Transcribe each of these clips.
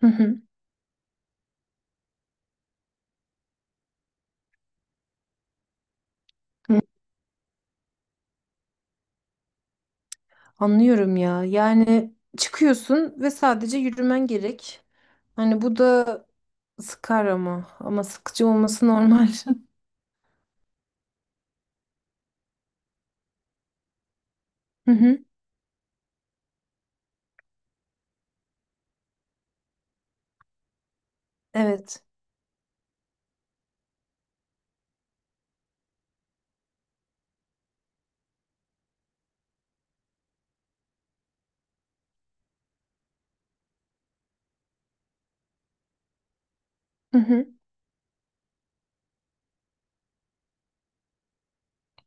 Hı hı. Hı. Anlıyorum ya. Yani çıkıyorsun ve sadece yürümen gerek. Hani bu da sıkar ama. Ama sıkıcı olması normal. Hı hı. Evet. Hı hı.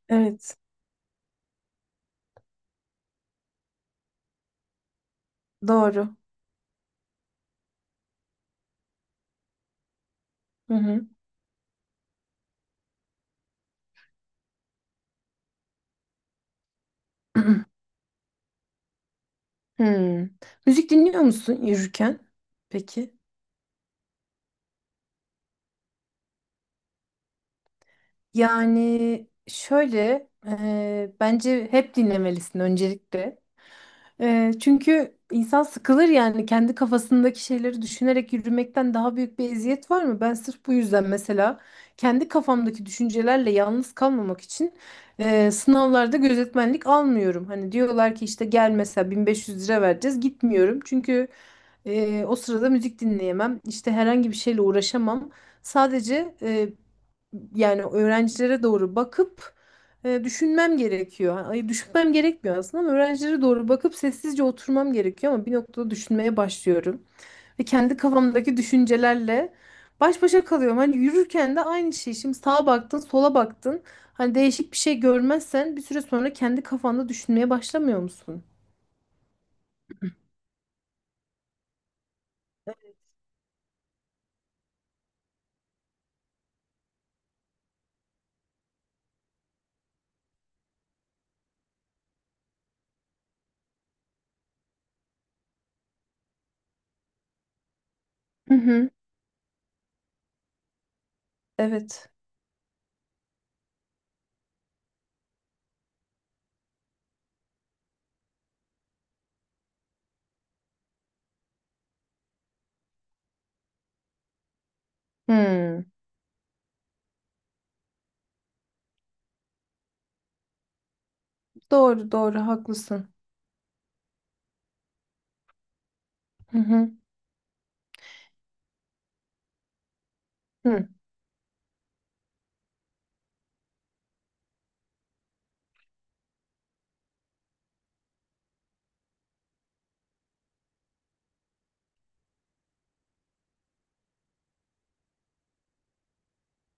Evet. Doğru. Hı hı. Hmm. Müzik dinliyor musun yürürken? Peki. Yani şöyle bence hep dinlemelisin öncelikle. Çünkü insan sıkılır yani kendi kafasındaki şeyleri düşünerek yürümekten daha büyük bir eziyet var mı? Ben sırf bu yüzden mesela kendi kafamdaki düşüncelerle yalnız kalmamak için sınavlarda gözetmenlik almıyorum. Hani diyorlar ki işte gel mesela 1500 lira vereceğiz gitmiyorum. Çünkü o sırada müzik dinleyemem işte herhangi bir şeyle uğraşamam. Sadece yani öğrencilere doğru bakıp düşünmem gerekiyor. Ay, düşünmem gerekmiyor aslında ama öğrencilere doğru bakıp sessizce oturmam gerekiyor ama bir noktada düşünmeye başlıyorum. Ve kendi kafamdaki düşüncelerle baş başa kalıyorum. Hani yürürken de aynı şey. Şimdi sağa baktın, sola baktın. Hani değişik bir şey görmezsen bir süre sonra kendi kafanda düşünmeye başlamıyor musun? Hı hı. Evet. Hmm. Doğru doğru haklısın. Hı hı. Hı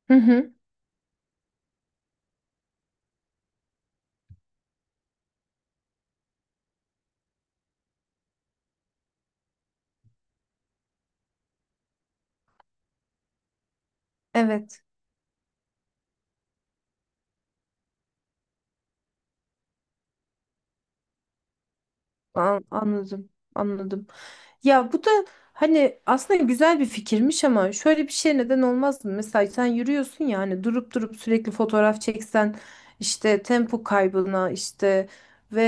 hı. Hı. Evet. Anladım. Anladım. Ya bu da hani aslında güzel bir fikirmiş ama şöyle bir şey neden olmaz mı? Mesela sen yürüyorsun ya hani durup durup sürekli fotoğraf çeksen işte tempo kaybına işte ve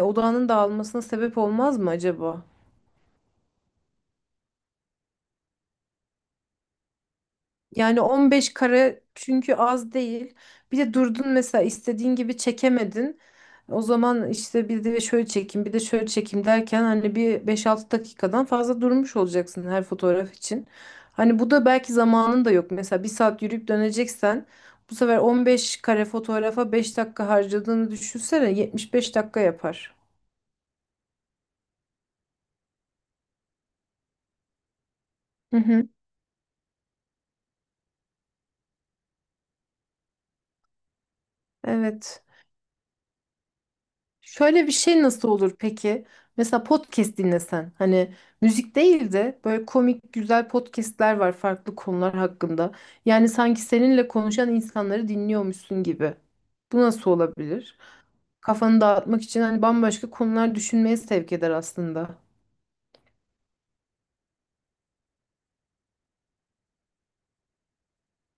odağının dağılmasına sebep olmaz mı acaba? Yani 15 kare çünkü az değil. Bir de durdun mesela istediğin gibi çekemedin. O zaman işte bir de şöyle çekeyim, bir de şöyle çekeyim derken hani bir 5-6 dakikadan fazla durmuş olacaksın her fotoğraf için. Hani bu da belki zamanın da yok. Mesela bir saat yürüyüp döneceksen bu sefer 15 kare fotoğrafa 5 dakika harcadığını düşünsene 75 dakika yapar. Hı hı. Evet. Şöyle bir şey nasıl olur peki? Mesela podcast dinlesen. Hani müzik değil de böyle komik güzel podcastler var farklı konular hakkında. Yani sanki seninle konuşan insanları dinliyormuşsun gibi. Bu nasıl olabilir? Kafanı dağıtmak için hani bambaşka konular düşünmeye sevk eder aslında.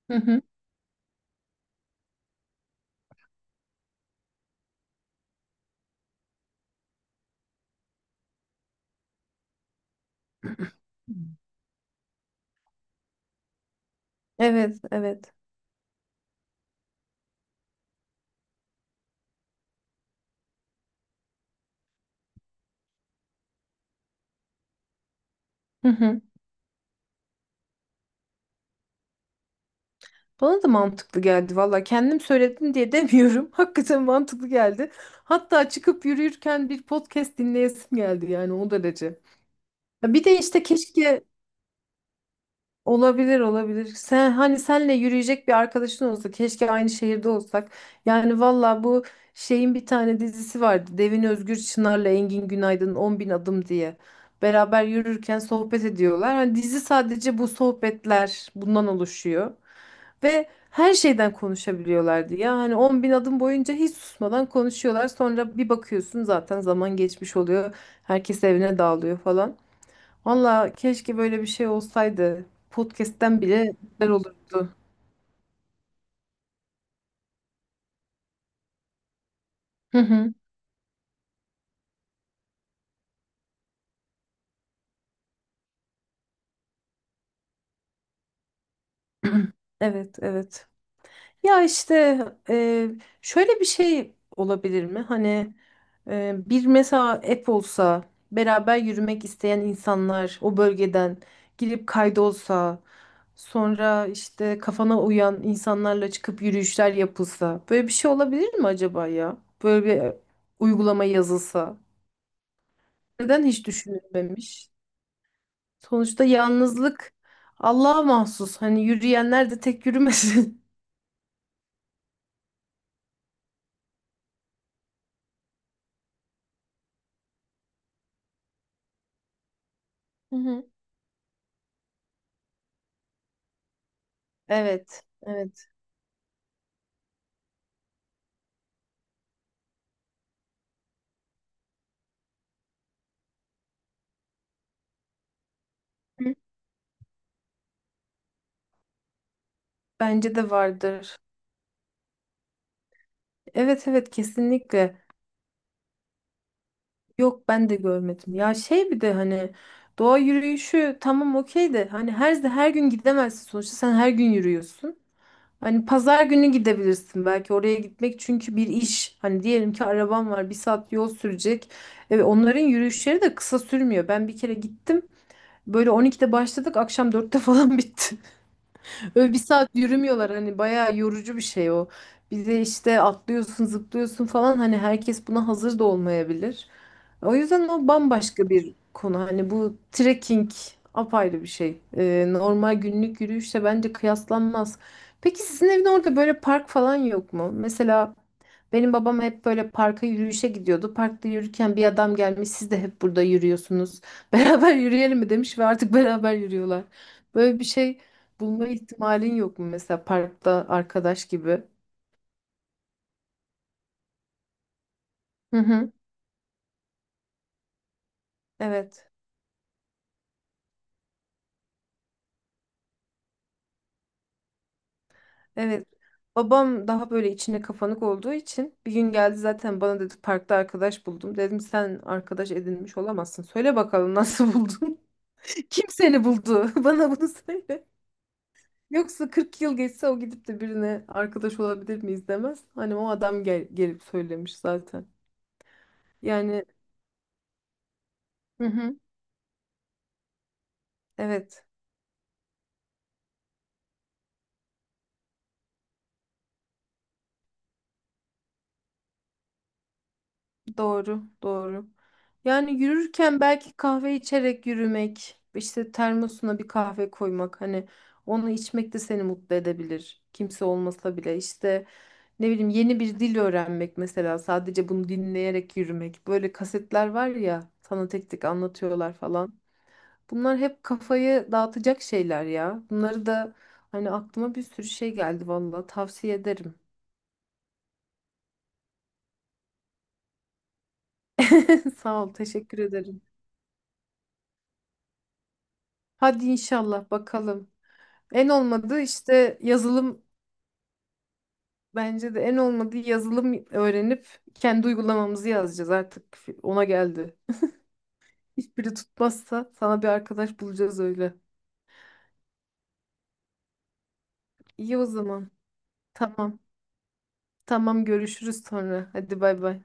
Hı hı. Evet, evet. Hı hı. Bana da mantıklı geldi valla. Kendim söyledim diye demiyorum. Hakikaten mantıklı geldi. Hatta çıkıp yürürken bir podcast dinleyesim geldi yani o derece. Ya bir de işte keşke olabilir olabilir. Sen hani senle yürüyecek bir arkadaşın olsa keşke aynı şehirde olsak. Yani valla bu şeyin bir tane dizisi vardı. Devin Özgür Çınar'la Engin Günaydın 10 bin adım diye. Beraber yürürken sohbet ediyorlar. Hani dizi sadece bu sohbetler bundan oluşuyor. Ve her şeyden konuşabiliyorlardı ya. Hani 10 bin adım boyunca hiç susmadan konuşuyorlar. Sonra bir bakıyorsun zaten zaman geçmiş oluyor. Herkes evine dağılıyor falan. Valla keşke böyle bir şey olsaydı. Podcast'ten bile güzel olurdu. Hı hı. Evet, evet. Ya işte e, şöyle bir şey olabilir mi? Hani bir mesela app olsa beraber yürümek isteyen insanlar o bölgeden girip kaydolsa sonra işte kafana uyan insanlarla çıkıp yürüyüşler yapılsa böyle bir şey olabilir mi acaba ya? Böyle bir uygulama yazılsa. Neden hiç düşünülmemiş? Sonuçta yalnızlık Allah'a mahsus. Hani yürüyenler de tek yürümesin. Hı hı. Evet, evet. Hı. Bence de vardır. Evet, evet kesinlikle. Yok ben de görmedim. Ya şey bir de hani doğa yürüyüşü tamam okey de hani her gün gidemezsin sonuçta sen her gün yürüyorsun. Hani pazar günü gidebilirsin belki oraya gitmek çünkü bir iş. Hani diyelim ki arabam var bir saat yol sürecek. Evet, onların yürüyüşleri de kısa sürmüyor. Ben bir kere gittim. Böyle 12'de başladık akşam 4'te falan bitti. Öyle bir saat yürümüyorlar hani bayağı yorucu bir şey o. Bir de işte atlıyorsun zıplıyorsun falan hani herkes buna hazır da olmayabilir. O yüzden o bambaşka bir konu. Hani bu trekking apayrı bir şey. Normal günlük yürüyüşle bence kıyaslanmaz. Peki sizin evin orada böyle park falan yok mu? Mesela benim babam hep böyle parka yürüyüşe gidiyordu. Parkta yürürken bir adam gelmiş, siz de hep burada yürüyorsunuz. Beraber yürüyelim mi demiş ve artık beraber yürüyorlar. Böyle bir şey bulma ihtimalin yok mu mesela parkta arkadaş gibi? Hı hı. Evet. Evet. Babam daha böyle içine kapanık olduğu için bir gün geldi zaten bana dedi parkta arkadaş buldum. Dedim sen arkadaş edinmiş olamazsın. Söyle bakalım nasıl buldun? Kim seni buldu? Bana bunu söyle. Yoksa 40 yıl geçse o gidip de birine arkadaş olabilir miyiz demez. Hani o adam gelip söylemiş zaten. Yani hı hı, evet doğru doğru. Yani yürürken belki kahve içerek yürümek, işte termosuna bir kahve koymak hani onu içmek de seni mutlu edebilir. Kimse olmasa bile işte ne bileyim yeni bir dil öğrenmek mesela sadece bunu dinleyerek yürümek. Böyle kasetler var ya sana tek tek anlatıyorlar falan. Bunlar hep kafayı dağıtacak şeyler ya. Bunları da hani aklıma bir sürü şey geldi vallahi tavsiye ederim. Sağ ol, teşekkür ederim. Hadi inşallah bakalım. En olmadı işte yazılım bence de en olmadı yazılım öğrenip kendi uygulamamızı yazacağız artık. Ona geldi. Hiçbiri tutmazsa sana bir arkadaş bulacağız öyle. İyi o zaman. Tamam. Tamam görüşürüz sonra. Hadi bay bay.